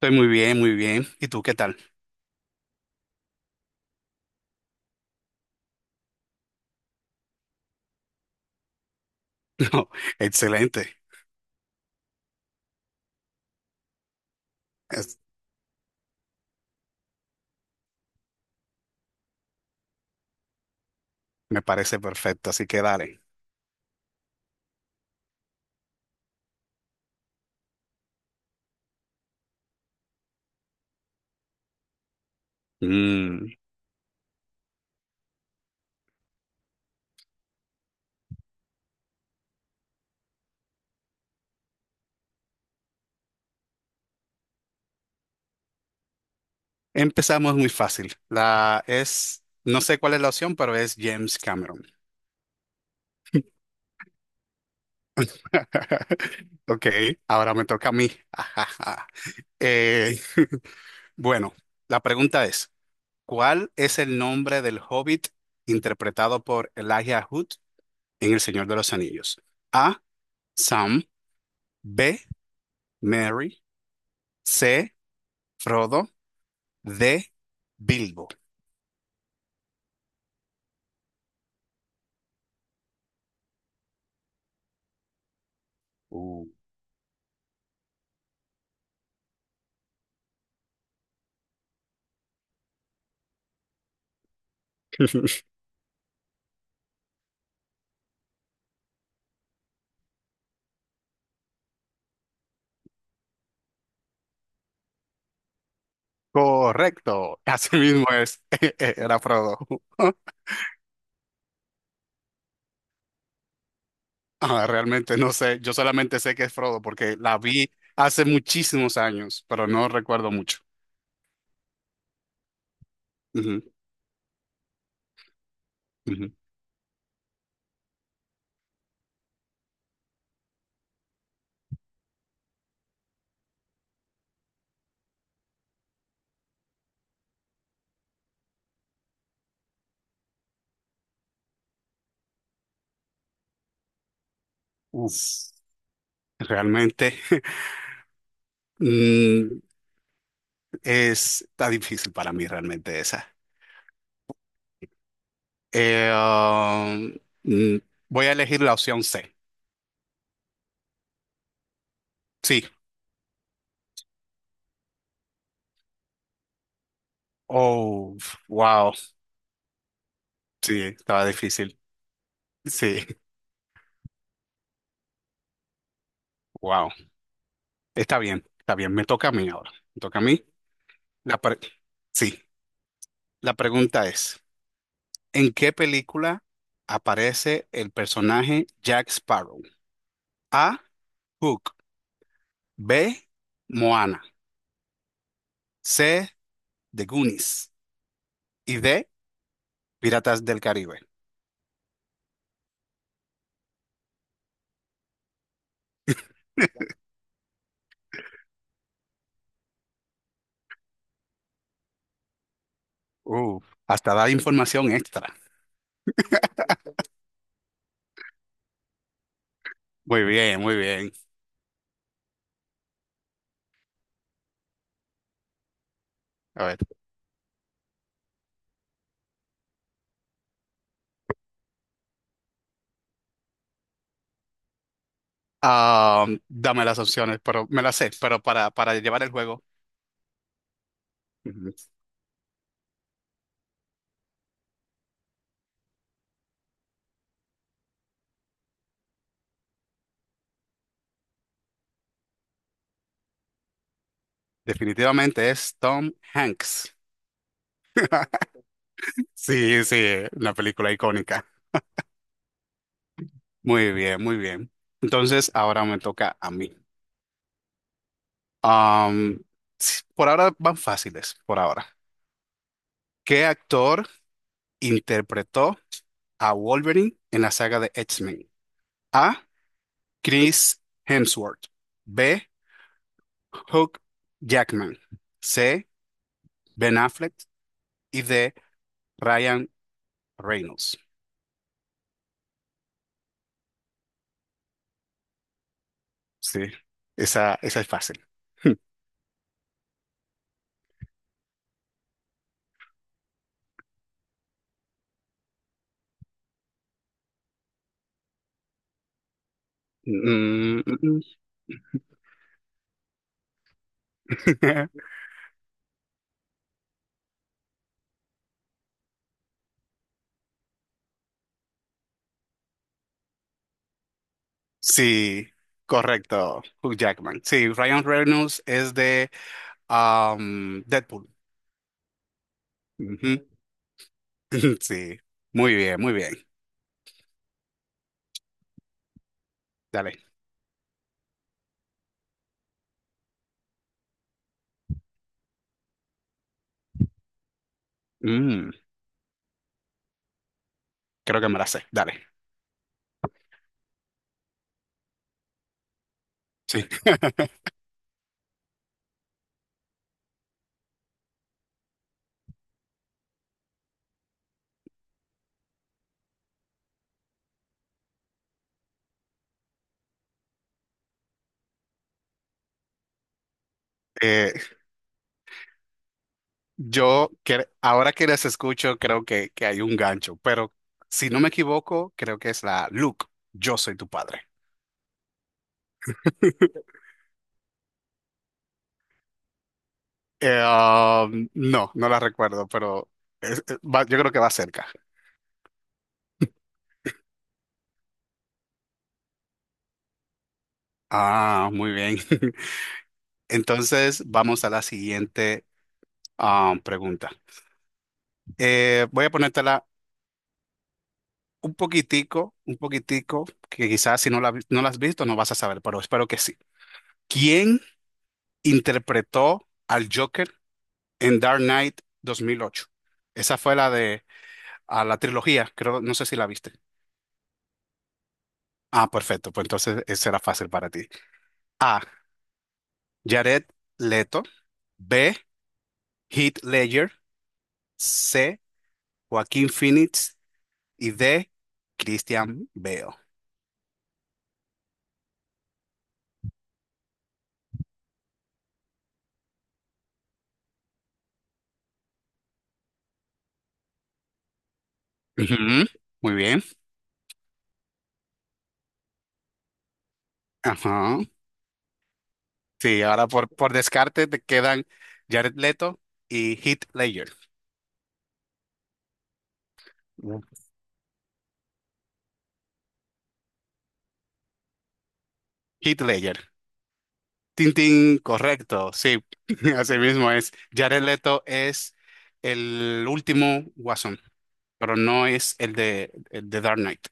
Estoy muy bien, muy bien. ¿Y tú qué tal? No, excelente. Es- me parece perfecto, así que dale. Mm, Empezamos muy fácil. La es, no sé cuál es la opción, pero es James Cameron. Ok, ahora me toca a mí. Eh, bueno, la pregunta es, ¿cuál es el nombre del Hobbit interpretado por Elijah Wood en El Señor de los Anillos? A, Sam. B, Mary. C, Frodo. De Bilbo. Uh. Correcto, así mismo es, era Frodo. Ah, realmente no sé, yo solamente sé que es Frodo porque la vi hace muchísimos años, pero no recuerdo mucho. Ujú, ujú. Uf, realmente mm, está difícil para mí realmente esa. Eh, um, mm, voy a elegir la opción C. Sí. Oh, wow. Sí, estaba difícil. Sí, wow. Está bien, me toca a mí ahora. Me toca a mí. La pre- sí, la pregunta es, ¿en qué película aparece el personaje Jack Sparrow? A, Hook. B, Moana. C, The Goonies. Y D, Piratas del Caribe. Uh, hasta da información extra. Muy bien, muy bien. A ver, ah, dame las opciones, pero me las sé, pero para llevar el juego, ujú, definitivamente es Tom Hanks. Sí, sí, la película icónica. Muy bien, muy bien. Entonces, ahora me toca a mí. Am, sí, por ahora van fáciles, por ahora. ¿Qué actor interpretó a Wolverine en la saga de X-Men? A. Chris Hemsworth. B. Hugh Jackman. C. Ben Affleck. Y D. Ryan Reynolds. Sí, esa es fácil. Mm, mm, mm. Sí, correcto, Hugh Jackman. Sí, Ryan Reynolds es de Deadpool. Ujú. Sí, muy bien, muy bien. Dale. Mm, Creo que me la sé. Dale. Sí. Eh, ahora que las escucho, creo que, hay un gancho, pero si no me equivoco, creo que es la Luke, yo soy tu padre. Am, no, no la recuerdo, pero yo creo que va cerca. Ah, muy bien. Entonces, vamos a la siguiente pregunta. Voy a ponértela un poquitico, que quizás si no no la has visto no vas a saber, pero espero que sí. ¿Quién interpretó al Joker en Dark Knight 2008? Esa fue la de a la trilogía, creo, no sé si la viste. Ah, perfecto, pues entonces esa era fácil para ti. A. Jared Leto. B. Heath Ledger. C. Joaquín Phoenix. Y D. Christian Bale. Ujú. Muy bien. Ajá. Sí, ahora por descarte te quedan Jared Leto y Heath Ledger. Mm. Heath Ledger. Tintín, correcto. Sí, así mismo es. Jared Leto es el último Guasón, pero no es el de Dark Knight.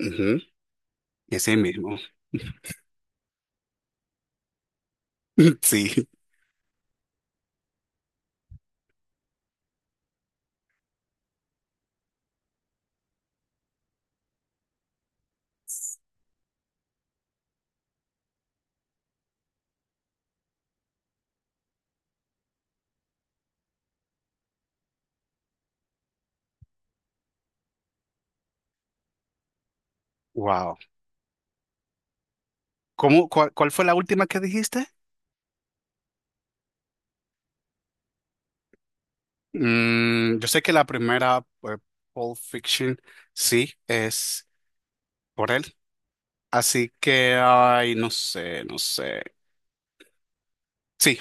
Ujú. Ese mismo. Sí. Wow. ¿Cuál fue la última que dijiste? Yo sé que la primera, pues, Pulp Fiction, sí, es por él. Así que, ay, no sé, no sé. Sí.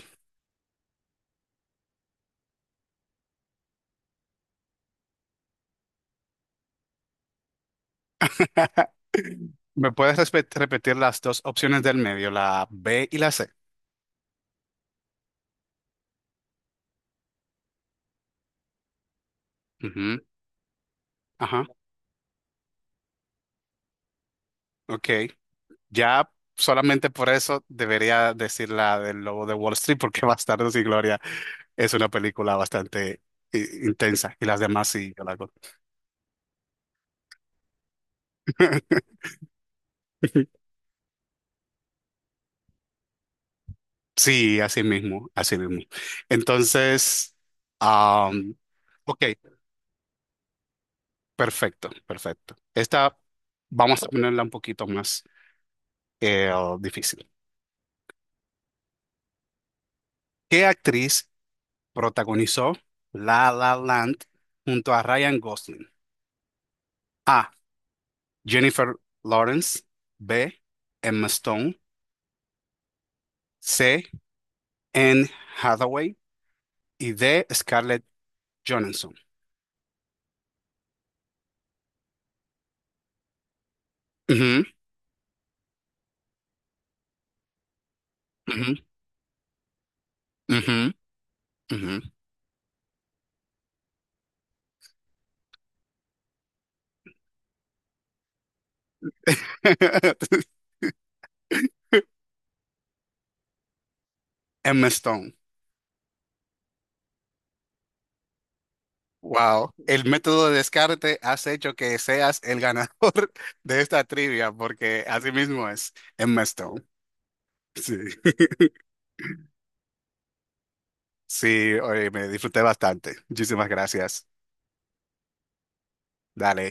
¿Me puedes repetir las dos opciones del medio, la B y la C? Ujú. Ajá, ok. Ya solamente por eso debería decir la del Lobo de Wall Street, porque Bastardos y Gloria es una película bastante intensa y las demás sí, yo la hago. Sí, así mismo, así mismo. Entonces, am, ok. Perfecto, perfecto. Esta vamos a ponerla un poquito más eh, difícil. ¿Qué actriz protagonizó La La Land junto a Ryan Gosling? A. Jennifer Lawrence. B. Emma Stone. C. Anne Hathaway. Y D. Scarlett Johansson. Ujú, ujú, ujú, ujú. Emma Stone. Wow, el método de descarte has hecho que seas el ganador de esta trivia, porque así mismo es Emma Stone. Sí, sí, oye, me disfruté bastante. Muchísimas gracias. Dale.